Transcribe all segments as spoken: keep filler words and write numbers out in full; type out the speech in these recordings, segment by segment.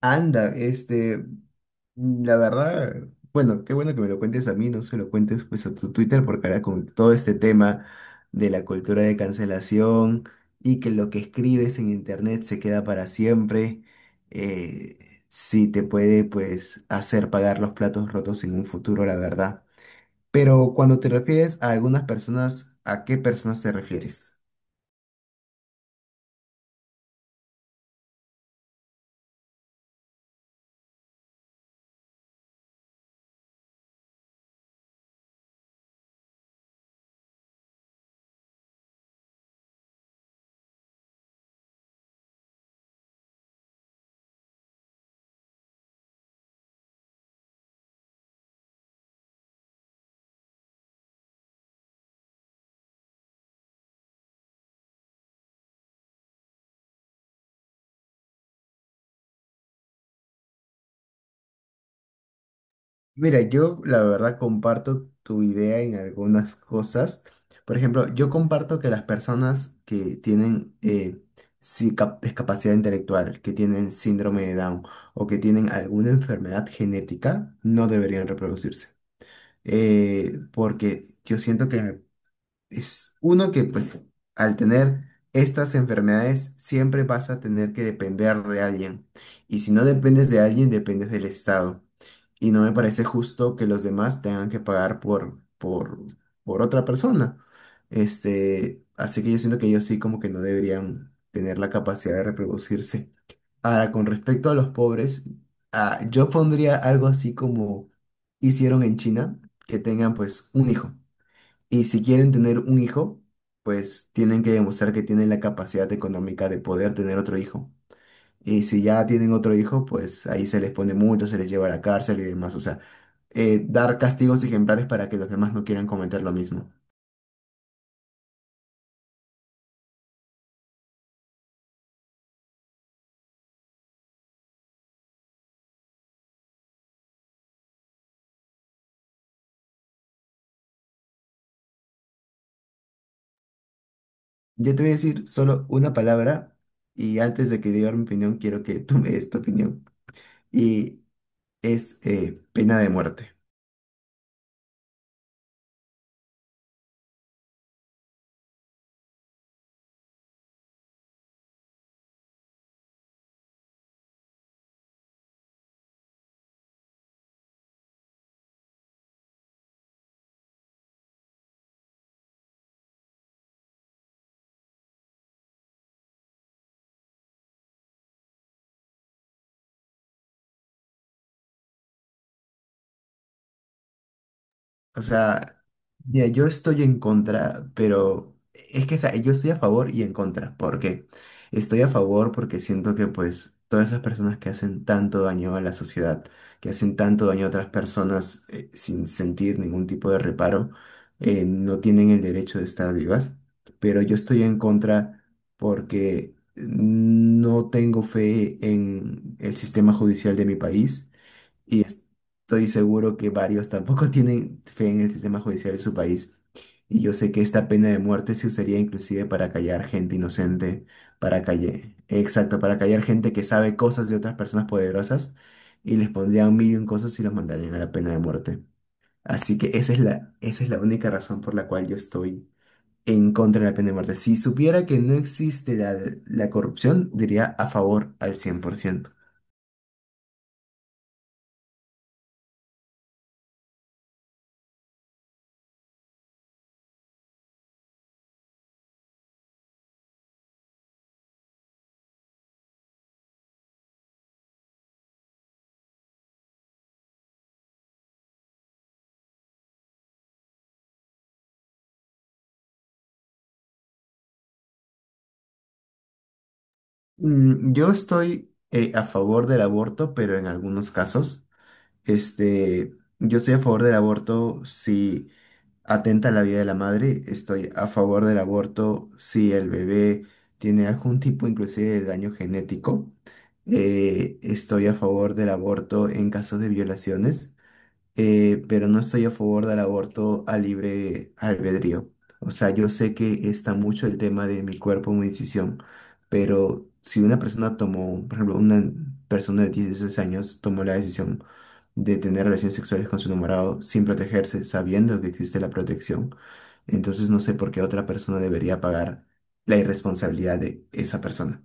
Anda, este, mm, la verdad, bueno, qué bueno que me lo cuentes a mí, no se lo cuentes pues a tu Twitter, porque ahora con todo este tema de la cultura de cancelación y que lo que escribes en internet se queda para siempre, eh, sí te puede pues hacer pagar los platos rotos en un futuro, la verdad. Pero cuando te refieres a algunas personas, ¿a qué personas te refieres? Mira, yo la verdad comparto tu idea en algunas cosas. Por ejemplo, yo comparto que las personas que tienen eh, sí, cap- discapacidad intelectual, que tienen síndrome de Down o que tienen alguna enfermedad genética, no deberían reproducirse. Eh, porque yo siento que es uno que pues al tener estas enfermedades siempre vas a tener que depender de alguien. Y si no dependes de alguien, dependes del Estado. Y no me parece justo que los demás tengan que pagar por, por, por otra persona. Este, así que yo siento que ellos sí como que no deberían tener la capacidad de reproducirse. Ahora, con respecto a los pobres, ah, yo pondría algo así como hicieron en China, que tengan pues un hijo. Y si quieren tener un hijo, pues tienen que demostrar que tienen la capacidad económica de poder tener otro hijo. Y si ya tienen otro hijo, pues ahí se les pone mucho, se les lleva a la cárcel y demás. O sea, eh, dar castigos ejemplares para que los demás no quieran cometer lo mismo. Yo te voy a decir solo una palabra y antes de que diga mi opinión, quiero que tú me des tu opinión. Y es eh, pena de muerte. O sea, mira, yo estoy en contra, pero es que, o sea, yo estoy a favor y en contra. ¿Por qué? Estoy a favor porque siento que, pues, todas esas personas que hacen tanto daño a la sociedad, que hacen tanto daño a otras personas eh, sin sentir ningún tipo de reparo, eh, no tienen el derecho de estar vivas. Pero yo estoy en contra porque no tengo fe en el sistema judicial de mi país y estoy seguro que varios tampoco tienen fe en el sistema judicial de su país. Y yo sé que esta pena de muerte se usaría inclusive para callar gente inocente, para callar, exacto, para callar gente que sabe cosas de otras personas poderosas y les pondrían mil y un cosas y los mandarían a la pena de muerte. Así que esa es la, esa es la única razón por la cual yo estoy en contra de la pena de muerte. Si supiera que no existe la, la corrupción, diría a favor al cien por ciento. Mm, Yo estoy eh, a favor del aborto, pero en algunos casos, este, yo estoy a favor del aborto si atenta a la vida de la madre, estoy a favor del aborto si el bebé tiene algún tipo inclusive de daño genético, eh, estoy a favor del aborto en casos de violaciones, eh, pero no estoy a favor del aborto a libre albedrío. O sea, yo sé que está mucho el tema de mi cuerpo, mi decisión, pero si una persona tomó, por ejemplo, una persona de dieciséis años tomó la decisión de tener relaciones sexuales con su enamorado sin protegerse, sabiendo que existe la protección, entonces no sé por qué otra persona debería pagar la irresponsabilidad de esa persona.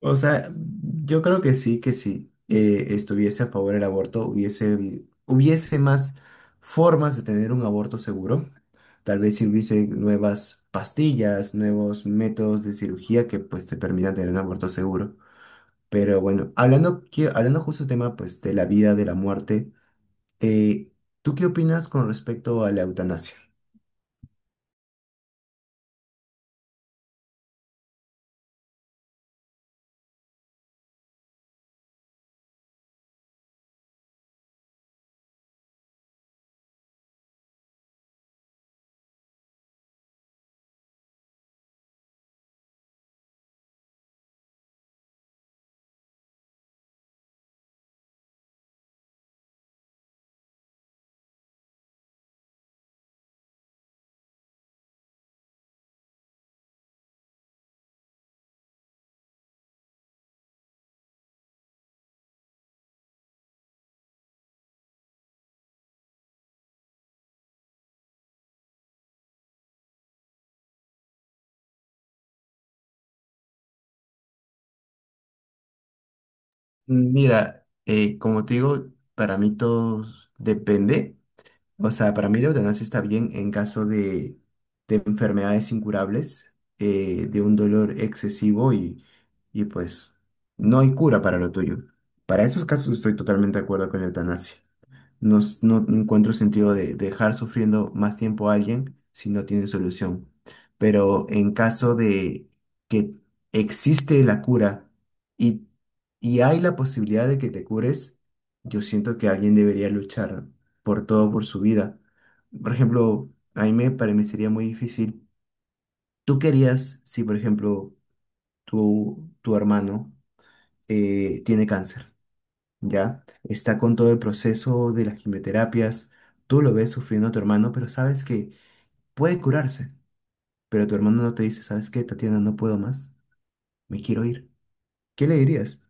O sea, yo creo que sí, que si eh, estuviese a favor del aborto, hubiese, habi- hubiese más formas de tener un aborto seguro. Tal vez si hubiese nuevas pastillas, nuevos métodos de cirugía que pues te permitan tener un aborto seguro. Pero bueno, hablando, que- hablando justo del tema pues de la vida, de la muerte, eh, ¿tú qué opinas con respecto a la eutanasia? Mira, eh, como te digo, para mí todo depende. O sea, para mí la eutanasia está bien en caso de, de enfermedades incurables, eh, de un dolor excesivo y, y pues no hay cura para lo tuyo. Para esos casos estoy totalmente de acuerdo con la eutanasia. No, s- no encuentro sentido de dejar sufriendo más tiempo a alguien si no tiene solución. Pero en caso de que existe la cura y, y hay la posibilidad de que te cures, yo siento que alguien debería luchar por todo, por su vida. Por ejemplo, a mí me parecería muy difícil. ¿Tú querías si, por ejemplo, tu, tu hermano eh, tiene cáncer? Ya, está con todo el proceso de las quimioterapias, tú lo ves sufriendo a tu hermano, pero sabes que puede curarse, pero tu hermano no te dice, ¿sabes qué, Tatiana? No puedo más, me quiero ir. ¿Qué le dirías?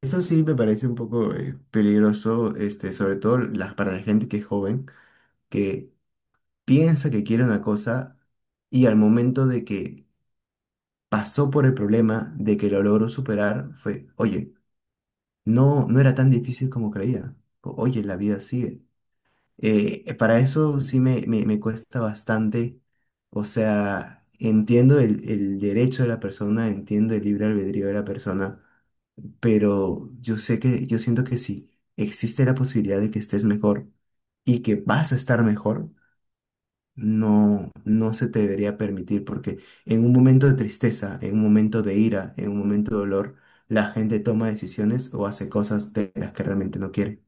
Eso sí me parece un poco eh, peligroso, este, sobre todo la- para la gente que es joven, que piensa que quiere una cosa y al momento de que pasó por el problema, de que lo logró superar, fue, oye, no, no era tan difícil como creía. O- Oye, la vida sigue. Eh, eh, para eso sí me, me, me cuesta bastante. O sea, entiendo el, el derecho de la persona, entiendo el libre albedrío de la persona, pero yo sé que, yo siento que si existe la posibilidad de que estés mejor y que vas a estar mejor, no, no se te debería permitir, porque en un momento de tristeza, en un momento de ira, en un momento de dolor, la gente toma decisiones o hace cosas de las que realmente no quiere.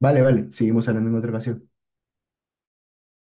Vale, vale, seguimos hablando en otra ocasión.